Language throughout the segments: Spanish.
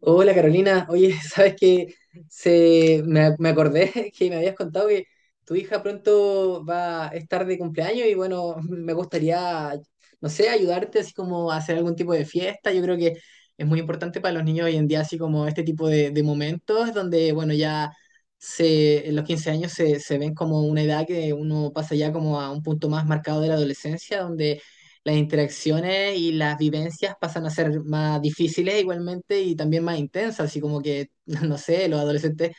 Hola Carolina, oye, sabes que me acordé que me habías contado que tu hija pronto va a estar de cumpleaños y bueno, me gustaría, no sé, ayudarte así como a hacer algún tipo de fiesta. Yo creo que es muy importante para los niños hoy en día, así como este tipo de momentos donde, bueno, en los 15 años se ven como una edad que uno pasa ya como a un punto más marcado de la adolescencia, donde las interacciones y las vivencias pasan a ser más difíciles igualmente y también más intensas, así como que, no sé, los adolescentes,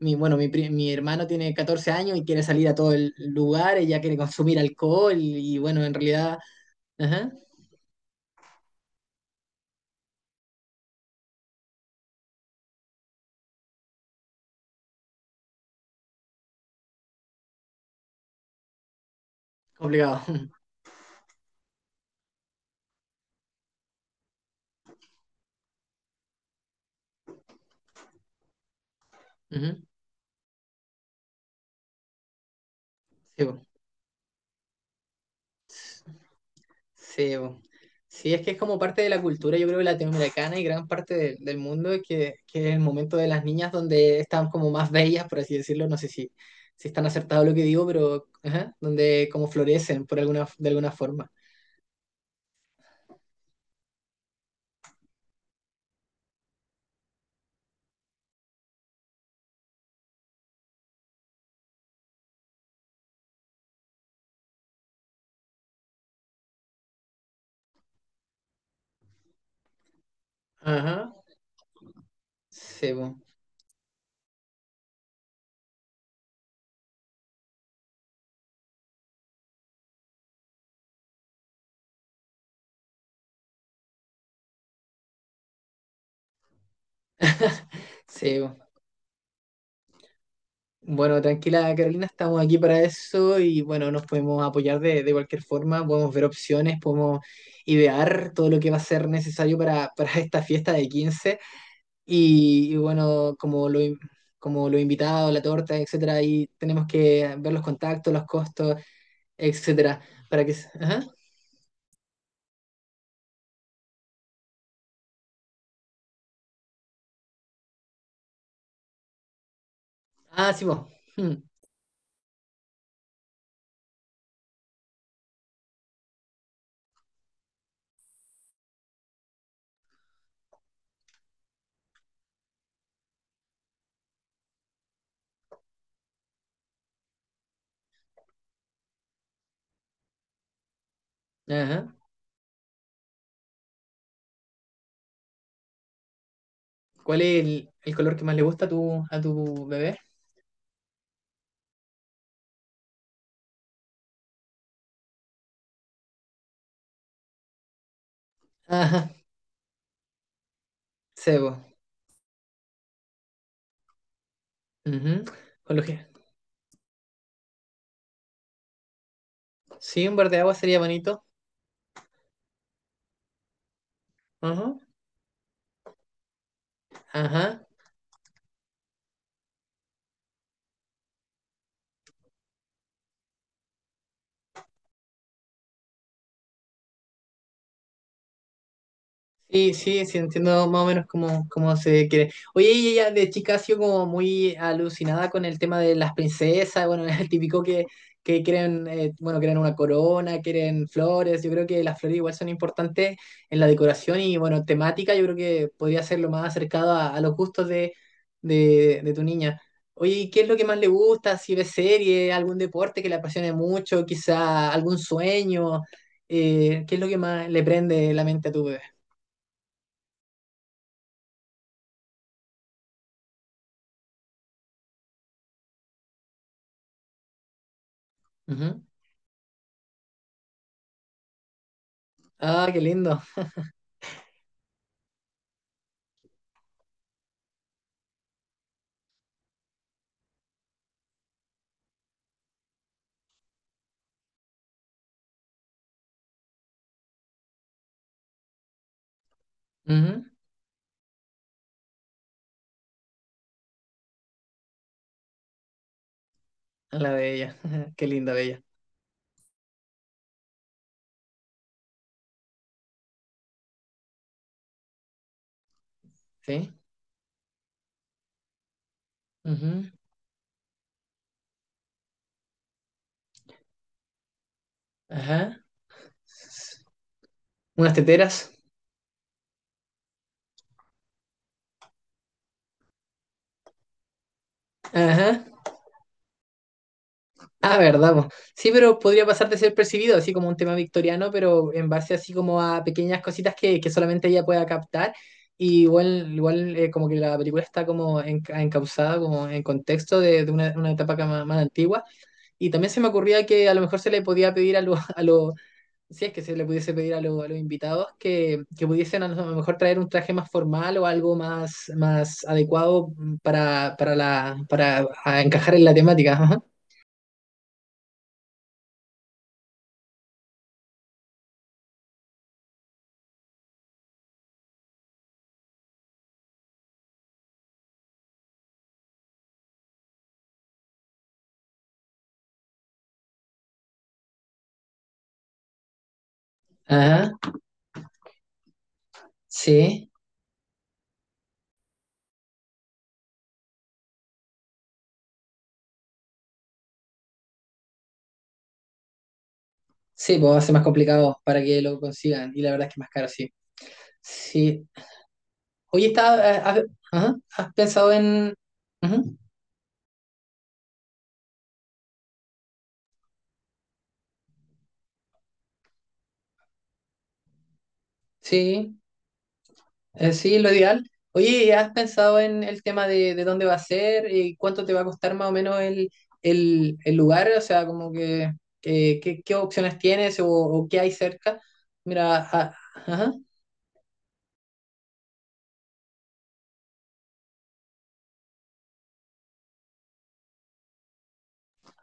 bueno, mi hermano tiene 14 años y quiere salir a todo el lugar, ella quiere consumir alcohol y bueno, en realidad, ajá, complicado. Ujú, sí, sí, bo. Sí, es que es como parte de la cultura, yo creo, latinoamericana y gran parte del mundo, es que es el momento de las niñas donde están como más bellas, por así decirlo, no sé si están acertado lo que digo, pero ajá, donde como florecen por alguna, de alguna forma. Ajá, sí, bo. Sí, bo. Bueno, tranquila Carolina, estamos aquí para eso y bueno, nos podemos apoyar de cualquier forma, podemos ver opciones, podemos idear todo lo que va a ser necesario para esta fiesta de 15. Y bueno, como los invitados, la torta, etcétera, ahí tenemos que ver los contactos, los costos, etcétera, para que... ajá. Ah, sí, vos. Hmm. Ajá. ¿Cuál es el color que más le gusta a a tu bebé? Ajá, cebo. Ujú. Con lo que... Sí, un verde agua sería bonito. Ajá. Ajá. Sí, sí, sí, entiendo más o menos cómo, cómo se quiere. Oye, y ella de chica ha sido como muy alucinada con el tema de las princesas, bueno, es el típico que, quieren, bueno, quieren una corona, quieren flores, yo creo que las flores igual son importantes en la decoración y, bueno, temática, yo creo que podría ser lo más acercado a, los gustos de tu niña. Oye, ¿y qué es lo que más le gusta? Si ve serie, algún deporte que le apasione mucho, quizá algún sueño, ¿qué es lo que más le prende la mente a tu bebé? Ujú. Ah, qué lindo. Ujú. A la bella. Qué linda bella. Sí. Ujú. Ajá. Unas teteras. Ajá. Ah, verdad, po. Sí, pero podría pasar de ser percibido, así como un tema victoriano, pero en base así como a pequeñas cositas que solamente ella pueda captar. Y igual como que la película está como encauzada, como en contexto de una etapa más antigua. Y también se me ocurría que a lo mejor se le podía pedir a los si es que se le pudiese pedir a los invitados que pudiesen a lo mejor traer un traje más formal o algo más adecuado para a encajar en la temática. Ajá, ajá, sí, sí, pues va a ser más complicado para que lo consigan y la verdad es que es más caro, sí. Sí. Oye, ajá, ¿has pensado en...? Ujú, sí. Sí, lo ideal. Oye, ¿y has pensado en el tema de dónde va a ser y cuánto te va a costar más o menos el lugar? O sea, como que, qué opciones tienes o qué hay cerca. Mira, ajá,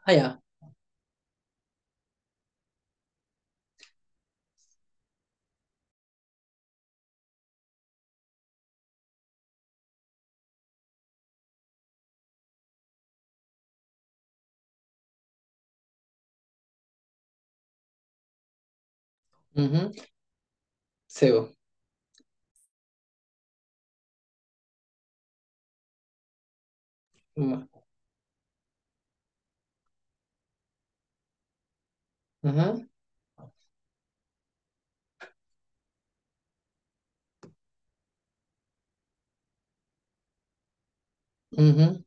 allá. Ujú, sebo. Mm, ajá, ujú,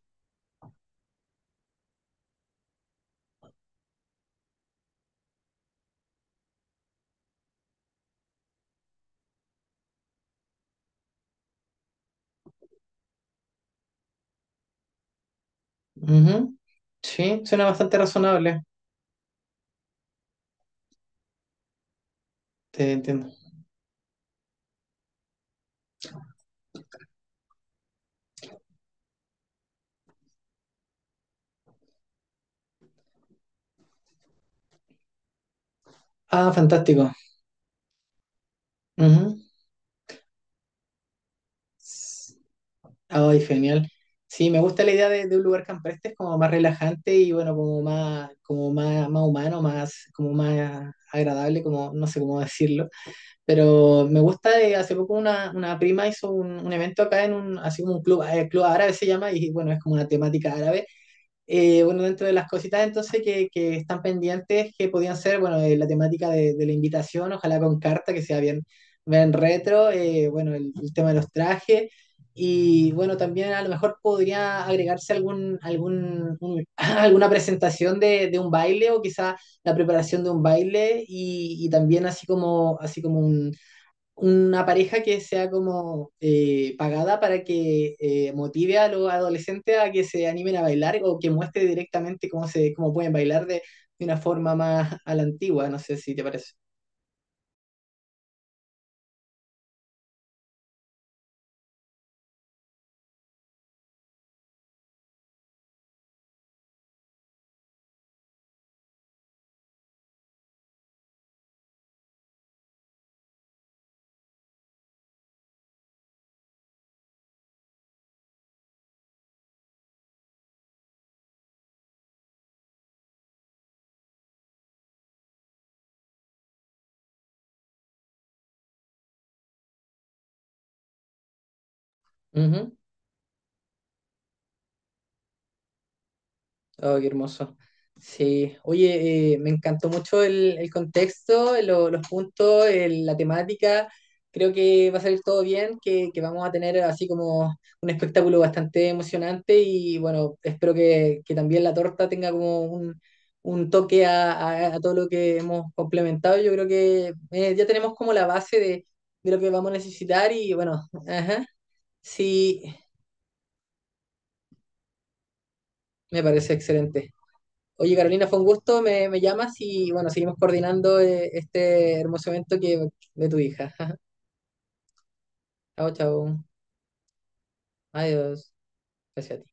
ujú. Sí, suena bastante razonable. Te entiendo. Ah, fantástico. Ujú. Ay, genial. Sí, me gusta la idea de un lugar campestre, es como más relajante y bueno, como más, más humano, más, como más agradable, como no sé cómo decirlo. Pero me gusta de hace poco una prima hizo un evento acá en un, así como un club, club árabe se llama, y bueno, es como una temática árabe. Bueno, dentro de las cositas entonces que están pendientes, que podían ser, bueno, la temática de la invitación, ojalá con carta, que sea bien, bien retro, bueno, el tema de los trajes, y bueno, también a lo mejor podría agregarse alguna presentación de un baile o quizá la preparación de un baile y también así como una pareja que sea como pagada para que motive a los adolescentes a que se animen a bailar o que muestre directamente cómo pueden bailar de una forma más a la antigua, no sé si te parece. Oh, qué hermoso. Sí, oye, me encantó mucho el contexto, los puntos, la temática. Creo que va a salir todo bien, que, vamos a tener así como un espectáculo bastante emocionante y bueno, espero que también la torta tenga como un toque a todo lo que hemos complementado. Yo creo que ya tenemos como la base de lo que vamos a necesitar y bueno, ajá, sí, me parece excelente. Oye, Carolina, fue un gusto, me llamas y bueno, seguimos coordinando este hermoso evento que, de tu hija. Chao, chao. Adiós. Gracias a ti.